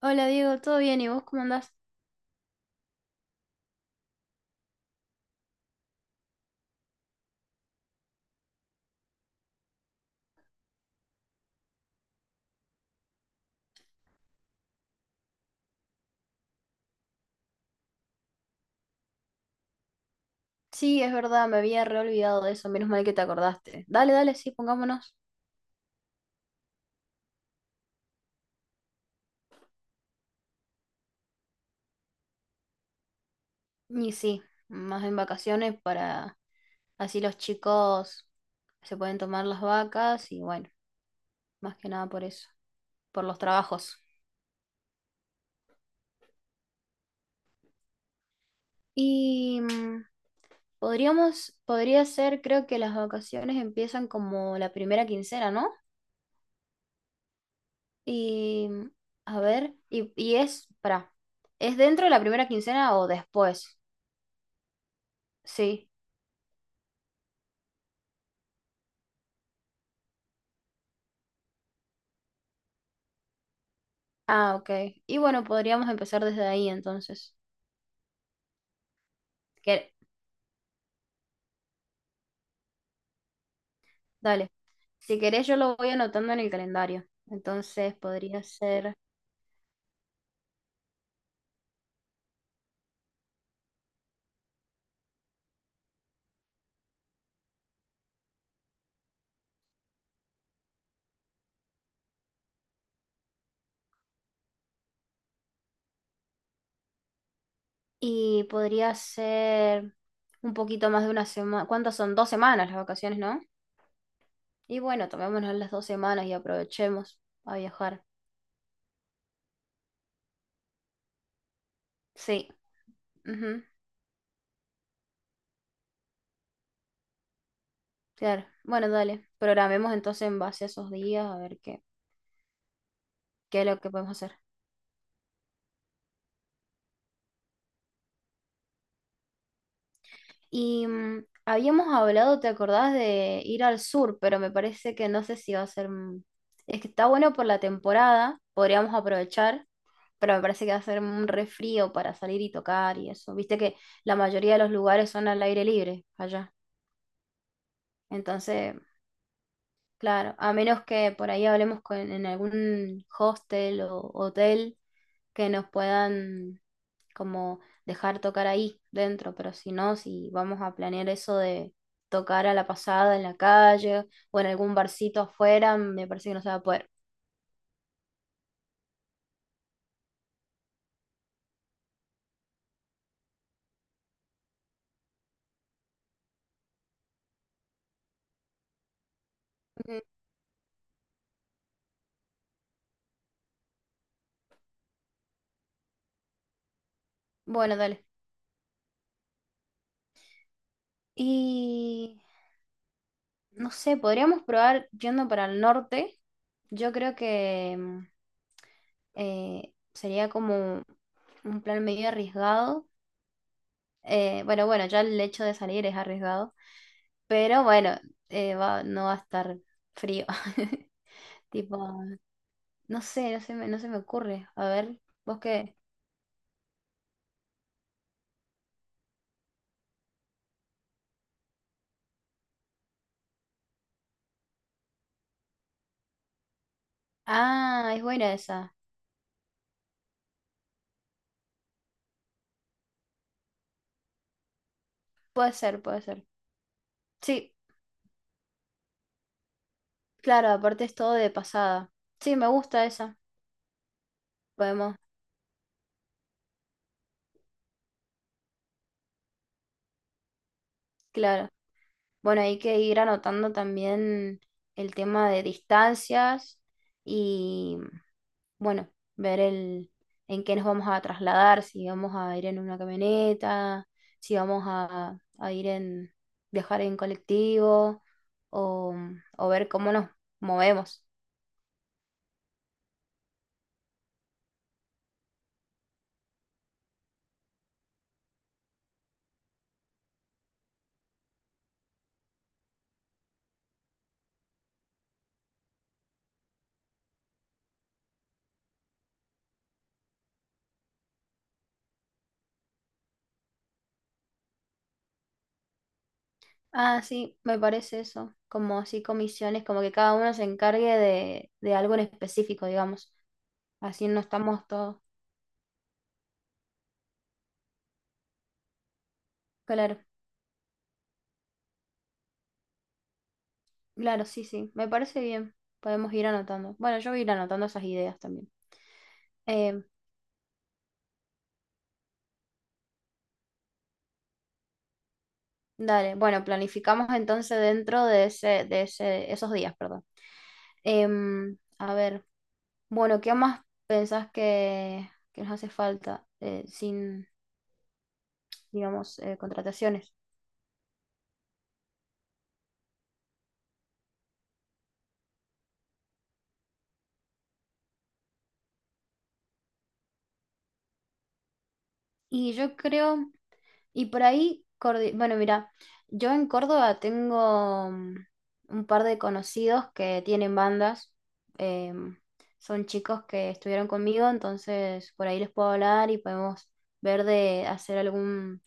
Hola Diego, ¿todo bien? ¿Y vos cómo andás? Sí, es verdad, me había reolvidado de eso, menos mal que te acordaste. Dale, dale, sí, pongámonos. Y sí, más en vacaciones para así los chicos se pueden tomar las vacas y bueno, más que nada por eso, por los trabajos. Y mm, podría ser, creo que las vacaciones empiezan como la primera quincena, ¿no? Y mm, a ver, ¿es dentro de la primera quincena o después? Sí. Ah, ok. Y bueno, podríamos empezar desde ahí entonces. Que- Dale. Si querés, yo lo voy anotando en el calendario. Entonces podría ser. Y podría ser un poquito más de una semana. ¿Cuántas son? Dos semanas las vacaciones, ¿no? Y bueno, tomémonos las dos semanas y aprovechemos a viajar. Sí, ujú. Claro. Bueno, dale. Programemos entonces en base a esos días a ver qué es lo que podemos hacer. Habíamos hablado, ¿te acordás de ir al sur? Pero me parece que no sé si va a ser... Es que está bueno por la temporada, podríamos aprovechar, pero me parece que va a ser un re frío para salir y tocar y eso. Viste que la mayoría de los lugares son al aire libre allá. Entonces, claro, a menos que por ahí hablemos en algún hostel o hotel que nos puedan como dejar tocar ahí dentro, pero si no, si vamos a planear eso de tocar a la pasada en la calle o en algún barcito afuera, me parece que no se va a poder. Ujú. Bueno, dale. Y no sé, podríamos probar yendo para el norte. Yo creo que sería como un plan medio arriesgado. Bueno, ya el hecho de salir es arriesgado, pero bueno, no va a estar frío. Tipo, no sé, no se me ocurre. A ver, vos qué. Ah, es buena esa. Puede ser, puede ser. Sí, claro, aparte es todo de pasada. Sí, me gusta esa. Podemos, claro. Bueno, hay que ir anotando también el tema de distancias y bueno, ver el, en qué nos vamos a trasladar, si vamos a ir en una camioneta, si vamos a viajar en colectivo o, o ver cómo nos movemos. Ah, sí, me parece eso, como así comisiones, como que cada uno se encargue de algo en específico, digamos. Así no estamos todos. Claro, claro, sí, sí, me parece bien. Podemos ir anotando. Bueno, yo voy a ir anotando esas ideas también. Em, Dale, bueno, planificamos entonces dentro de esos días, perdón. A ver, bueno, ¿qué más pensás que nos hace falta sin, digamos, contrataciones? Y yo creo Y por ahí, bueno, mira, yo en Córdoba tengo un par de conocidos que tienen bandas. em, Son chicos que estuvieron conmigo, entonces por ahí les puedo hablar y podemos ver de hacer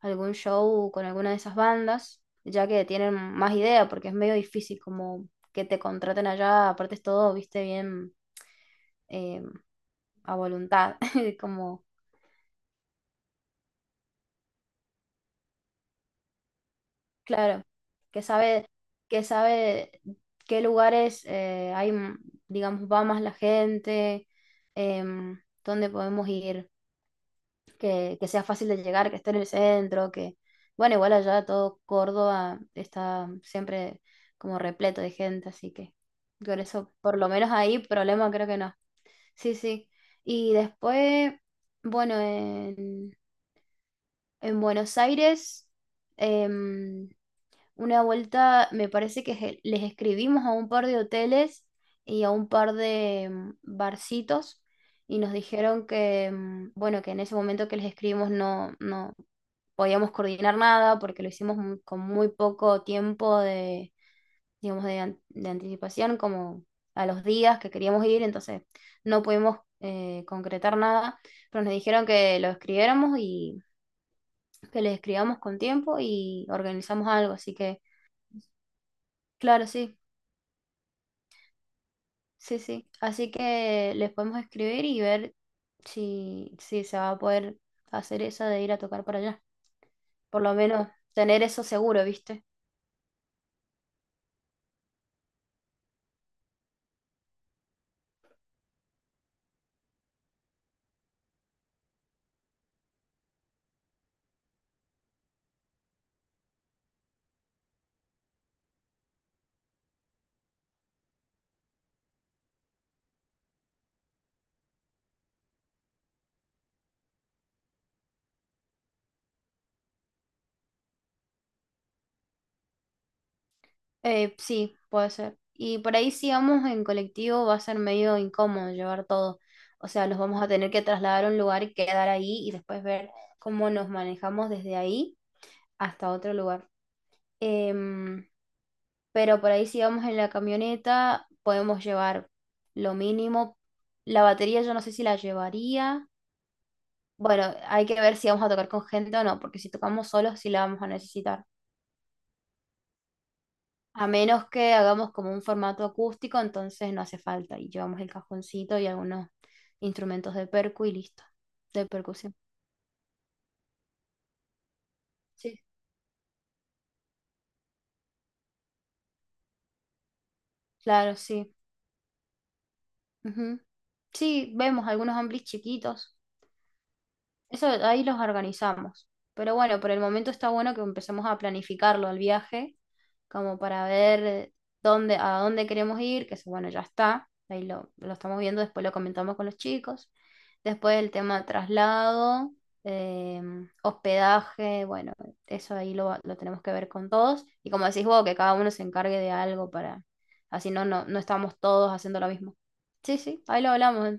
algún show con alguna de esas bandas, ya que tienen más idea, porque es medio difícil como que te contraten allá, aparte es todo, viste, bien em, a voluntad, como... Claro, que sabe, que sabe qué lugares hay, digamos, va más la gente, dónde podemos ir, que sea fácil de llegar, que esté en el centro, que, bueno, igual allá todo Córdoba está siempre como repleto de gente, así que por eso, por lo menos ahí, problema creo que no. Sí, sí. Y después, bueno, en Buenos Aires, em, una vuelta, me parece que les escribimos a un par de hoteles y a un par de barcitos y nos dijeron que, bueno, que en ese momento que les escribimos no podíamos coordinar nada porque lo hicimos con muy poco tiempo de, digamos, de anticipación, como a los días que queríamos ir, entonces no pudimos concretar nada, pero nos dijeron que lo escribiéramos y que les escribamos con tiempo y organizamos algo, así que... Claro, sí. Sí, sí. Así que les podemos escribir y ver si se va a poder hacer esa de ir a tocar para allá. Por lo menos tener eso seguro, ¿viste? Sí, puede ser. Y por ahí si vamos en colectivo va a ser medio incómodo llevar todo. O sea, nos vamos a tener que trasladar a un lugar y quedar ahí y después ver cómo nos manejamos desde ahí hasta otro lugar. Em, pero por ahí si vamos en la camioneta podemos llevar lo mínimo. La batería yo no sé si la llevaría. Bueno, hay que ver si vamos a tocar con gente o no, porque si tocamos solos sí la vamos a necesitar. A menos que hagamos como un formato acústico, entonces no hace falta y llevamos el cajoncito y algunos instrumentos de percu y listo, de percusión. Sí. Claro, sí. Ujú. Sí, vemos algunos amplis chiquitos. Eso ahí los organizamos. Pero bueno, por el momento está bueno que empecemos a planificarlo al viaje, como para ver dónde, a dónde queremos ir, que eso, bueno, ya está. Ahí lo estamos viendo, después lo comentamos con los chicos. Después el tema traslado, eh, hospedaje, bueno, eso ahí lo tenemos que ver con todos. Y como decís vos, que cada uno se encargue de algo para, así no estamos todos haciendo lo mismo. Sí, sí, ahí lo hablamos.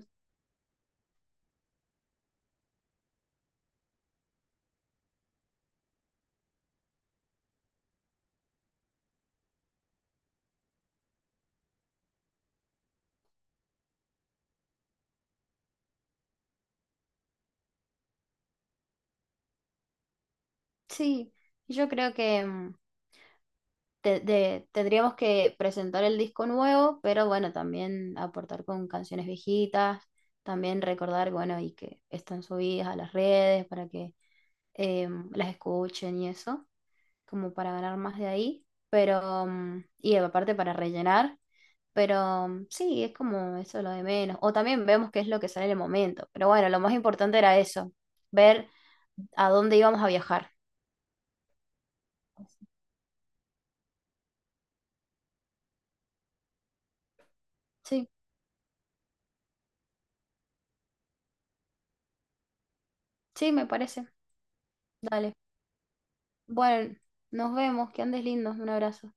Sí, yo creo que... tendríamos que presentar el disco nuevo, pero bueno, también aportar con canciones viejitas, también recordar, bueno, y que están subidas a las redes para que las escuchen y eso, como para ganar más de ahí, pero, y aparte para rellenar, pero sí, es como eso lo de menos, o también vemos qué es lo que sale en el momento, pero bueno, lo más importante era eso, ver a dónde íbamos a viajar. Sí, sí, me parece. Dale. Bueno, nos vemos, que andes lindo, un abrazo.